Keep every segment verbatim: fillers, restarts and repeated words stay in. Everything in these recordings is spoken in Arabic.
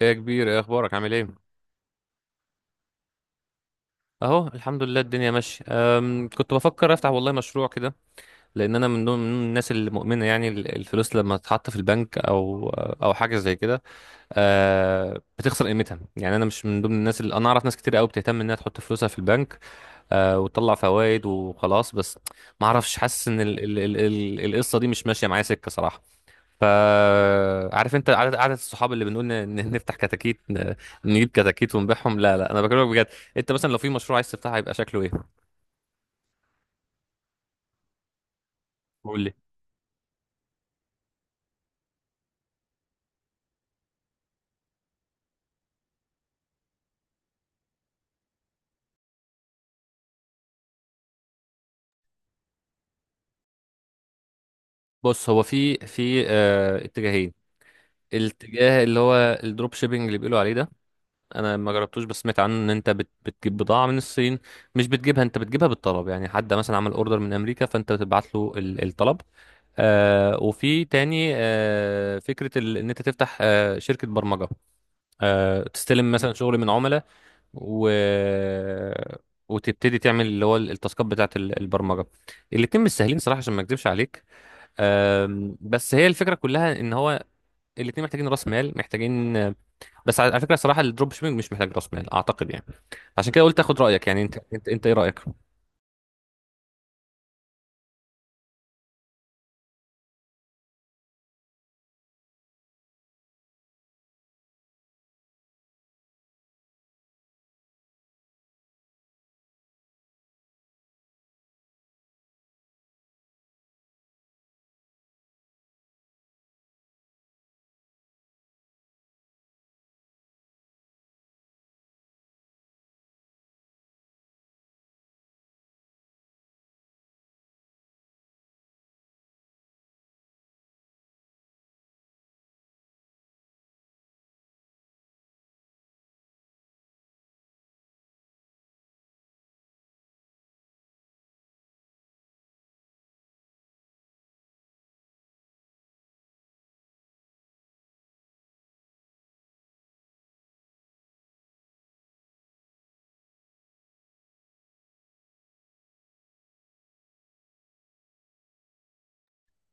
يا كبير، ايه اخبارك؟ عامل ايه؟ اهو الحمد لله، الدنيا ماشيه. أم، كنت بفكر افتح والله مشروع كده. لان انا من ضمن من الناس المؤمنه، يعني ال- الفلوس لما تتحط في البنك او او حاجه زي كده أه، بتخسر قيمتها. يعني انا مش من ضمن الناس اللي، انا اعرف ناس كتير قوي بتهتم انها تحط فلوسها في البنك أه، وتطلع فوائد وخلاص. بس ما اعرفش، حاسس ان ال- ال- ال- ال- القصه دي مش ماشيه معايا سكه صراحه. فعارف انت عدد عدد الصحاب اللي بنقول ن- ن- نفتح كتاكيت، ن- نجيب كتاكيت ونبيعهم. لا لا، انا بكلمك بجد. انت مثلا لو في مشروع عايز تفتحه هيبقى شكله ايه؟ قول لي. بص، هو في في اه اتجاهين. الاتجاه اللي هو الدروب شيبينج اللي بيقولوا عليه ده، انا ما جربتوش بس سمعت عنه ان انت بت بتجيب بضاعه من الصين. مش بتجيبها انت، بتجيبها بالطلب. يعني حد مثلا عمل اوردر من امريكا فانت بتبعت له ال- الطلب. آه، وفي تاني آه فكره ال- ان انت تفتح آه شركه برمجه. آه، تستلم مثلا شغل من عملاء و... وتبتدي تعمل اللي هو التاسكات بتاعه ال- البرمجه. الاتنين مش سهلين صراحه، عشان ما اكذبش عليك. أم، بس هي الفكره كلها ان هو الاتنين محتاجين راس مال، محتاجين. بس على على فكره صراحه، الدروب شيبنج مش محتاج راس مال اعتقد يعني. عشان كده قلت اخد رايك. يعني انت انت, انت ايه رايك؟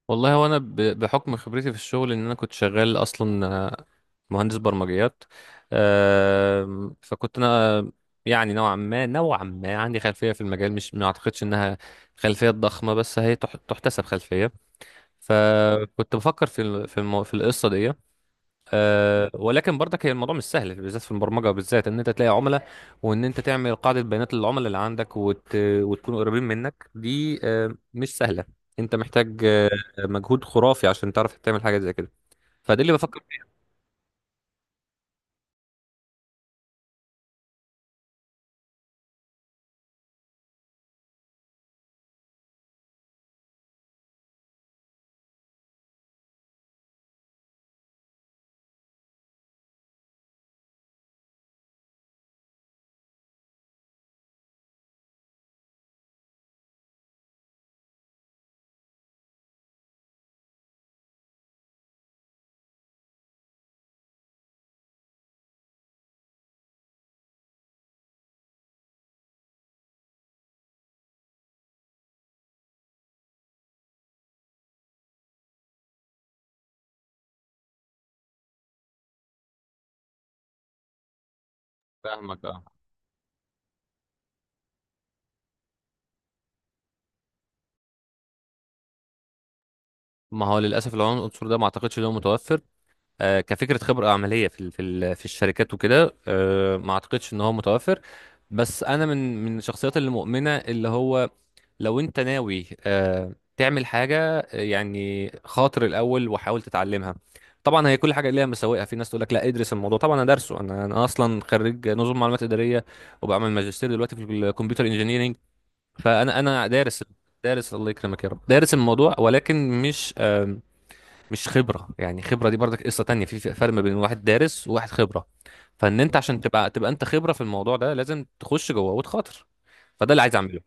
والله هو انا ب- بحكم خبرتي في الشغل، ان انا كنت شغال اصلا مهندس برمجيات. آم، فكنت انا يعني نوعا ما نوعا ما عندي خلفيه في المجال. مش، ما اعتقدش انها خلفيه ضخمه بس هي تح- تحتسب خلفيه. فكنت بفكر في ال- في المو... في القصه دي. آه، ولكن برضك هي الموضوع مش سهل، بالذات في البرمجه. بالذات ان انت تلاقي عملاء، وان انت تعمل قاعده بيانات للعملاء اللي عندك وت... وتكونوا قريبين منك، دي آه، مش سهله. انت محتاج آه، مجهود خرافي عشان تعرف تعمل حاجه زي كده. فده اللي بفكر فيه. فاهمك آه. ما هو للاسف العنصر ده ما اعتقدش ان هو متوفر. آه، كفكره خبره عمليه في ال- في ال- في الشركات وكده، آه، ما اعتقدش ان هو متوفر. بس انا من من الشخصيات اللي مؤمنه اللي هو لو انت ناوي آه، تعمل حاجه، آه، يعني خاطر الاول وحاول تتعلمها. طبعا هي كل حاجه ليها مساوئها، في ناس تقول لك لا ادرس الموضوع. طبعا انا دارسه، انا انا اصلا خريج نظم معلومات اداريه وبعمل ماجستير دلوقتي في الكمبيوتر انجينيرنج. فانا انا دارس. دارس الله يكرمك يا رب، دارس الموضوع ولكن مش آه، مش خبره. يعني خبره دي برضك قصه تانية، في في فرق ما بين واحد دارس وواحد خبره. فان انت عشان تبقى تبقى انت خبره في الموضوع ده لازم تخش جوه وتخاطر. فده اللي عايز اعمله.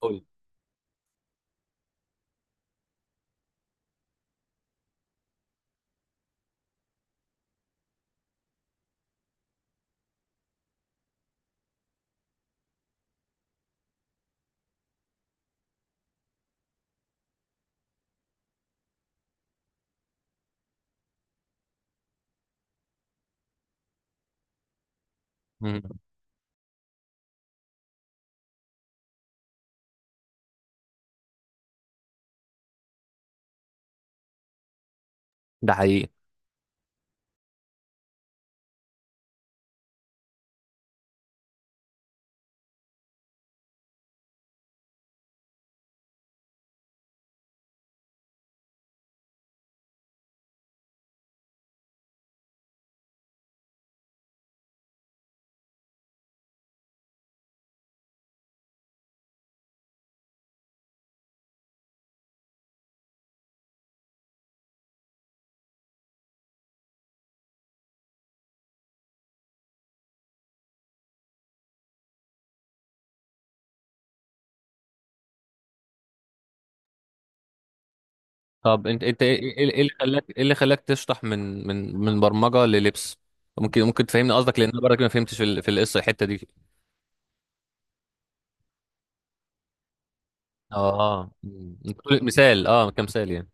قول. مم. ده حقيقي. طب انت انت ايه ايه- ايه اللي خلاك، ايه اللي خلاك تشطح من من من برمجه للبس؟ ممكن ممكن تفهمني قصدك؟ لان انا برضك ما فهمتش في ال- في القصه الحته دي. اه، مم. انت بتقول مثال، اه كمثال يعني.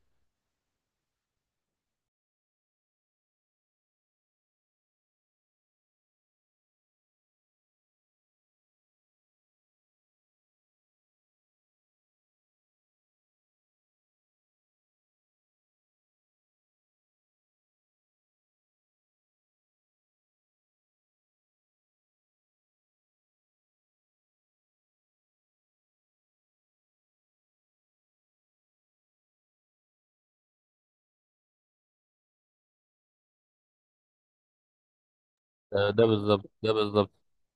ده ده بالظبط، ده بالظبط.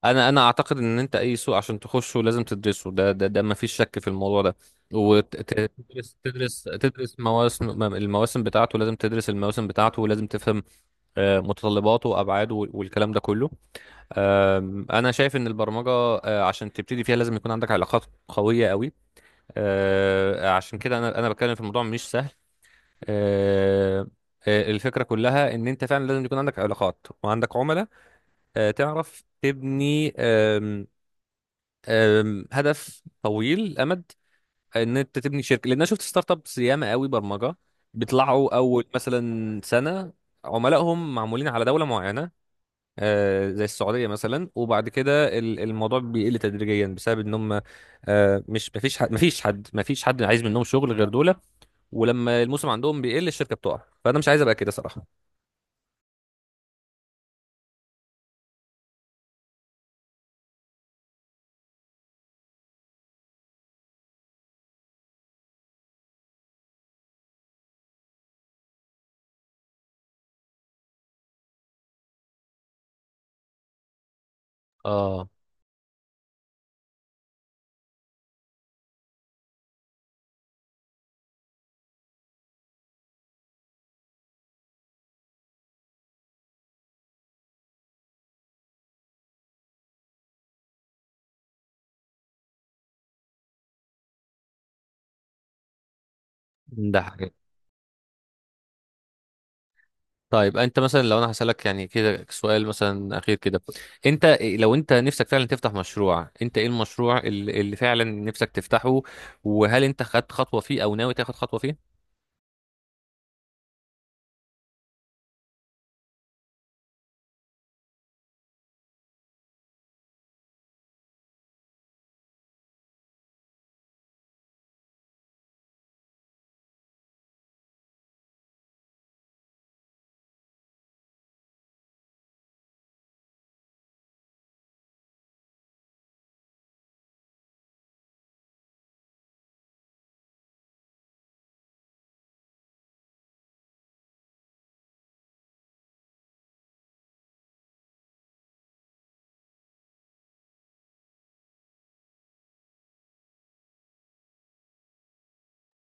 انا انا اعتقد ان انت اي سوق عشان تخشه لازم تدرسه. ده ده ده ما فيش شك في الموضوع ده. وتدرس تدرس تدرس مواسم المواسم بتاعته، لازم تدرس المواسم بتاعته ولازم تفهم آه، متطلباته وابعاده وال- والكلام ده كله. آم، انا شايف ان البرمجه آه، عشان تبتدي فيها لازم يكون عندك علاقات قويه قوي. آه، عشان كده انا انا بتكلم في الموضوع مش سهل. آه، آه، الفكره كلها ان انت فعلا لازم يكون عندك علاقات وعندك عملاء، آه، تعرف تبني آم، آم، هدف طويل الامد. ان انت تبني شركه، لان انا شفت ستارت ابس ياما قوي برمجه بيطلعوا اول مثلا سنه عملائهم معمولين على دوله معينه، آه، زي السعوديه مثلا، وبعد كده ال- الموضوع بيقل تدريجيا بسبب ان هم آه، مش مفيش حد مفيش حد مفيش حد عايز منهم شغل غير دول. ولما الموسم عندهم بيقل الشركه بتقع، فانا مش عايز ابقى كده صراحه. اه، ده. طيب انت مثلا، لو انا هسألك يعني كده سؤال مثلا اخير كده، انت لو انت نفسك فعلا تفتح مشروع، انت ايه المشروع اللي اللي فعلا نفسك تفتحه، وهل انت خدت خطوة فيه او ناوي تاخد خطوة فيه؟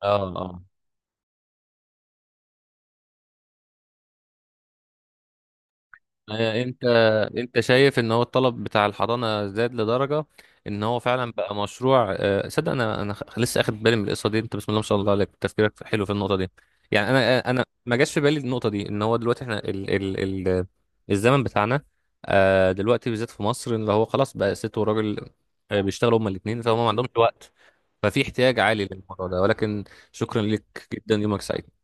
اه، آه، انت، انت شايف ان هو الطلب بتاع الحضانه زاد لدرجه ان هو فعلا بقى مشروع؟ آه، صدق انا، انا خ- لسه اخد بالي من القصه دي. انت بسم الله ما شاء الله عليك، تفكيرك حلو في النقطه دي. يعني انا، آه، انا ما جاش في بالي النقطه دي، ان هو دلوقتي احنا ال ال ال الزمن بتاعنا آه، دلوقتي بالذات في مصر اللي هو خلاص بقى ست وراجل آه، بيشتغلوا هما الاثنين، فهم ما عندهمش وقت. ففي احتياج عالي للموضوع ده، ولكن. شكرا لك جدا، يومك سعيد.